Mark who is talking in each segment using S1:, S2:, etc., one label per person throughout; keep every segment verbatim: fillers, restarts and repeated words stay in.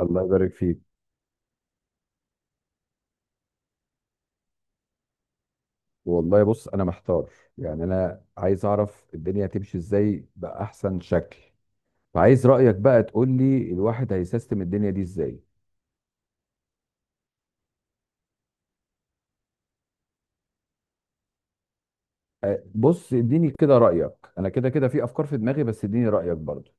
S1: الله يبارك فيك. والله بص انا محتار. يعني انا عايز اعرف الدنيا هتمشي ازاي باحسن شكل، فعايز رايك بقى تقول لي الواحد هيسيستم الدنيا دي ازاي. أه، بص اديني كده رايك، انا كده كده في افكار في دماغي، بس اديني رايك برضو.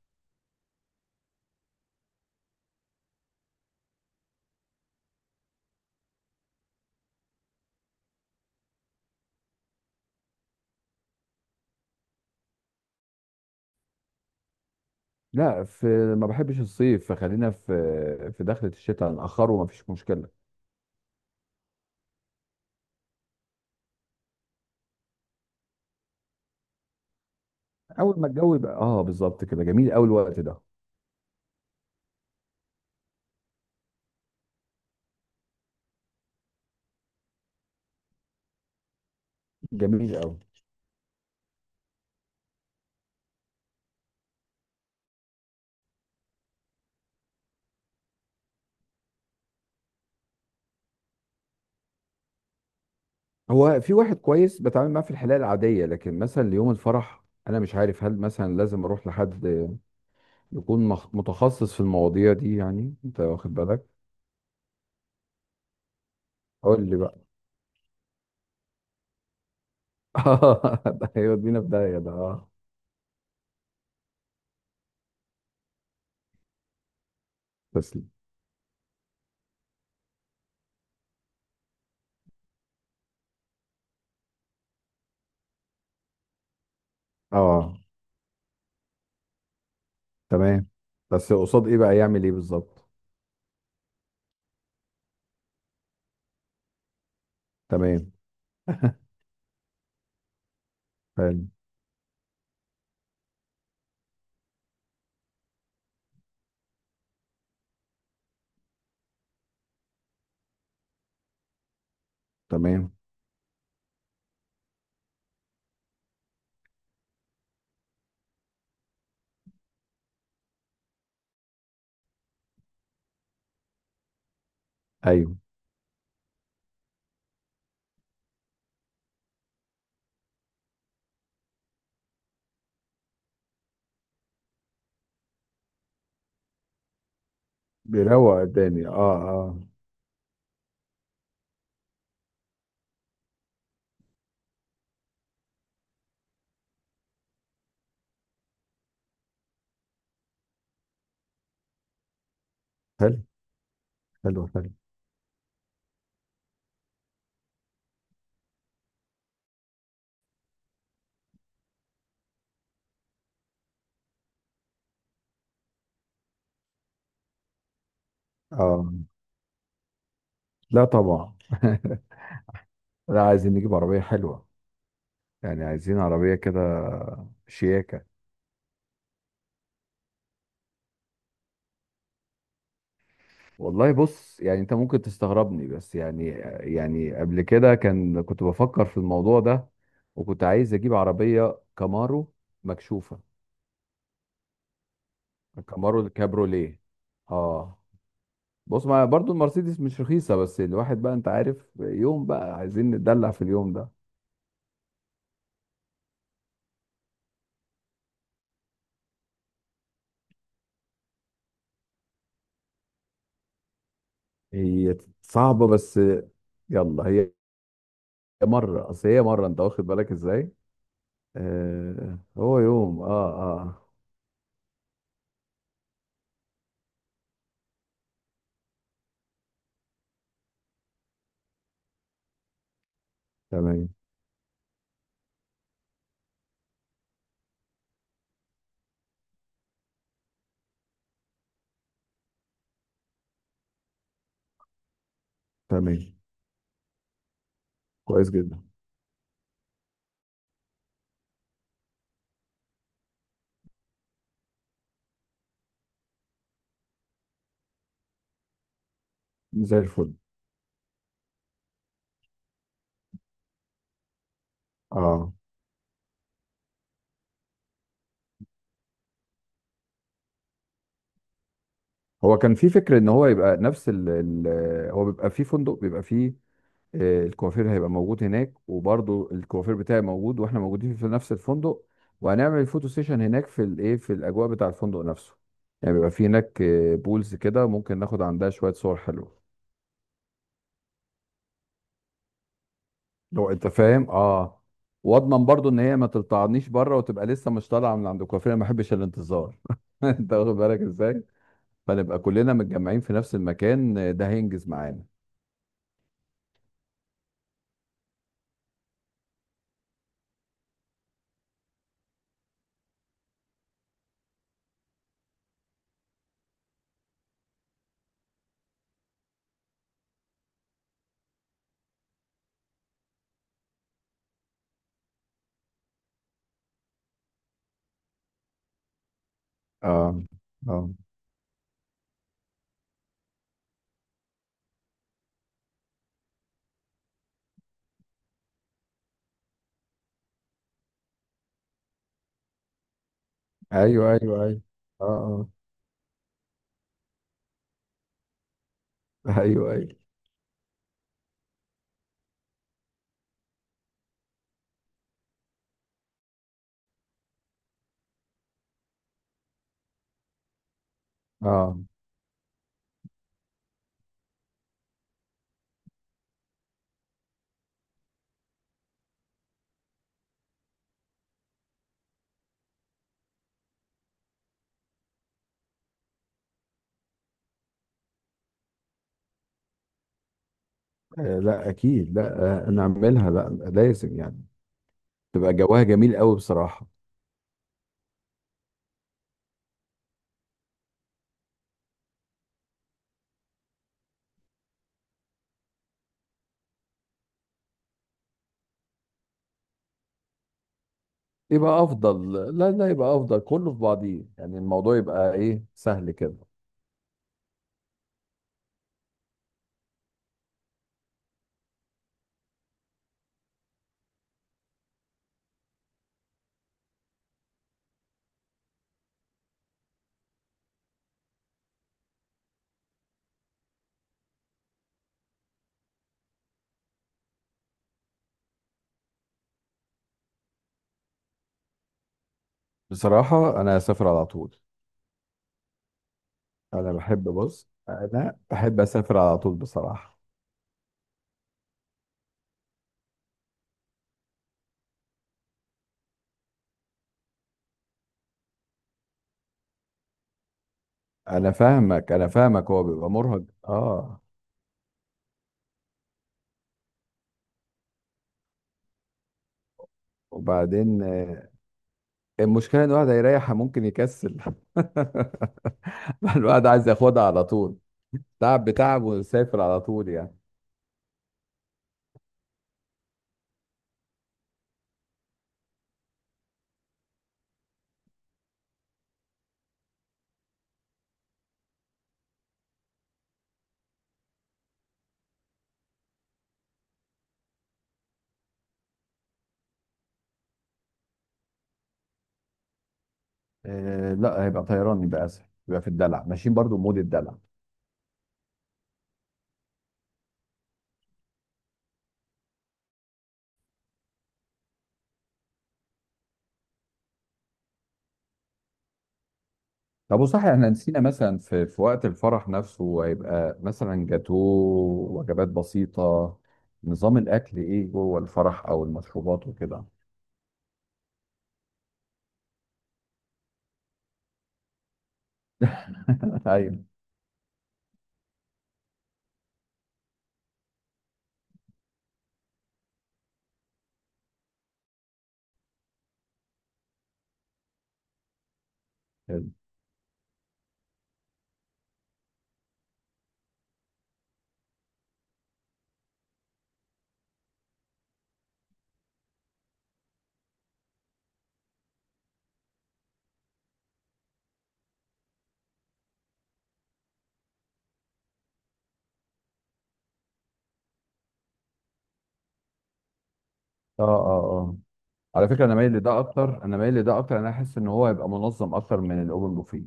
S1: لا، في ما بحبش الصيف، فخلينا في في دخلة الشتاء نأخره، ما فيش مشكلة. اول ما الجو يبقى اه بالظبط كده، جميل قوي الوقت ده. جميل قوي. هو في واحد كويس بتعامل معاه في الحالة العادية، لكن مثلا ليوم الفرح أنا مش عارف هل مثلا لازم أروح لحد يكون مخ- متخصص في المواضيع دي، يعني أنت واخد بالك؟ قول لي بقى. آه، ده هيودينا في داهية ده، أه. تسلم. أه تمام. بس قصاد إيه بقى يعمل إيه بالظبط؟ تمام. حلو. تمام. أيوه. بيروق الدنيا، أه أه. حلو حلو حلو. أه. لا طبعا. لا، عايزين نجيب عربية حلوة، يعني عايزين عربية كده شياكة. والله بص، يعني انت ممكن تستغربني، بس يعني يعني قبل كده كان كنت بفكر في الموضوع ده، وكنت عايز اجيب عربية كامارو مكشوفة، كامارو الكابروليه. اه بص، ما برضو المرسيدس مش رخيصة، بس الواحد بقى انت عارف يوم، بقى عايزين نتدلع في اليوم ده. هي صعبة بس، يلا، هي مرة، اصل هي مرة، انت واخد بالك ازاي. آه، هو يوم، اه اه. تمام تمام. كويس جدا. زي الفل. اه، هو كان في فكرة ان هو يبقى نفس ال ال هو بيبقى في فندق، بيبقى فيه آه، الكوافير هيبقى موجود هناك، وبرضه الكوافير بتاعي موجود، واحنا موجودين في نفس الفندق، وهنعمل الفوتو سيشن هناك في الايه، في الاجواء بتاع الفندق نفسه. يعني بيبقى في هناك آه، بولز كده، ممكن ناخد عندها شوية صور حلوة. لو انت فاهم، اه. واضمن برضه ان هي ما تلطعنيش بره، وتبقى لسه مش طالعه من عند الكوافير، انا ما بحبش الانتظار. انت واخد بالك ازاي، فنبقى كلنا متجمعين في نفس المكان، آه، ده هينجز معانا. اه اه، ايوه ايوه ايوه. اه اه. ايوه ايوه، اه. آه، لا اكيد، لا آه، نعملها، لا لازم يعني تبقى جواها جميل قوي بصراحه. يبقى افضل، لا لا، يبقى افضل كله في بعضيه، يعني الموضوع يبقى ايه سهل كده. بصراحه انا هسافر على طول. انا بحب، بص انا بحب اسافر على طول بصراحه. انا فاهمك انا فاهمك، هو بيبقى مرهق اه. وبعدين آه، المشكله ان الواحد هيريح ممكن يكسل. الواحد عايز ياخدها على طول، تعب بتعب وسافر على طول يعني. آه لا، هيبقى طيران يبقى اسهل، يبقى في الدلع، ماشيين برضو مود الدلع. طب وصحيح احنا نسينا، مثلا في في وقت الفرح نفسه هيبقى مثلا جاتوه، وجبات بسيطة، نظام الاكل ايه جوه الفرح، او المشروبات وكده. ايوه. حلو. اه اه اه. على فكرة انا مايل لده اكتر، انا مايل لده اكتر، انا احس ان هو هيبقى منظم اكتر من الاوبن بوفيه.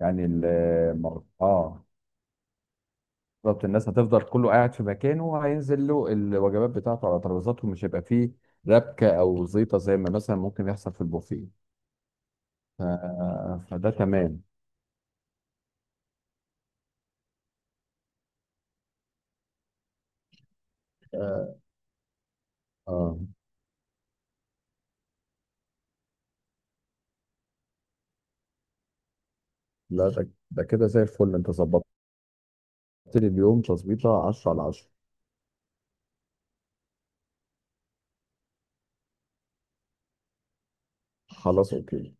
S1: يعني ال... اه بالظبط، الناس هتفضل كله قاعد في مكانه، وهينزل له الوجبات بتاعته على ترابيزاتهم، مش هيبقى فيه ربكة أو زيطة زي ما مثلا ممكن يحصل في البوفيه. ف... فده تمام. آه آه. لا ده ده كده زي الفل، أنت ظبطت لي اليوم تظبيطة عشرة على عشرة. خلاص أوكي.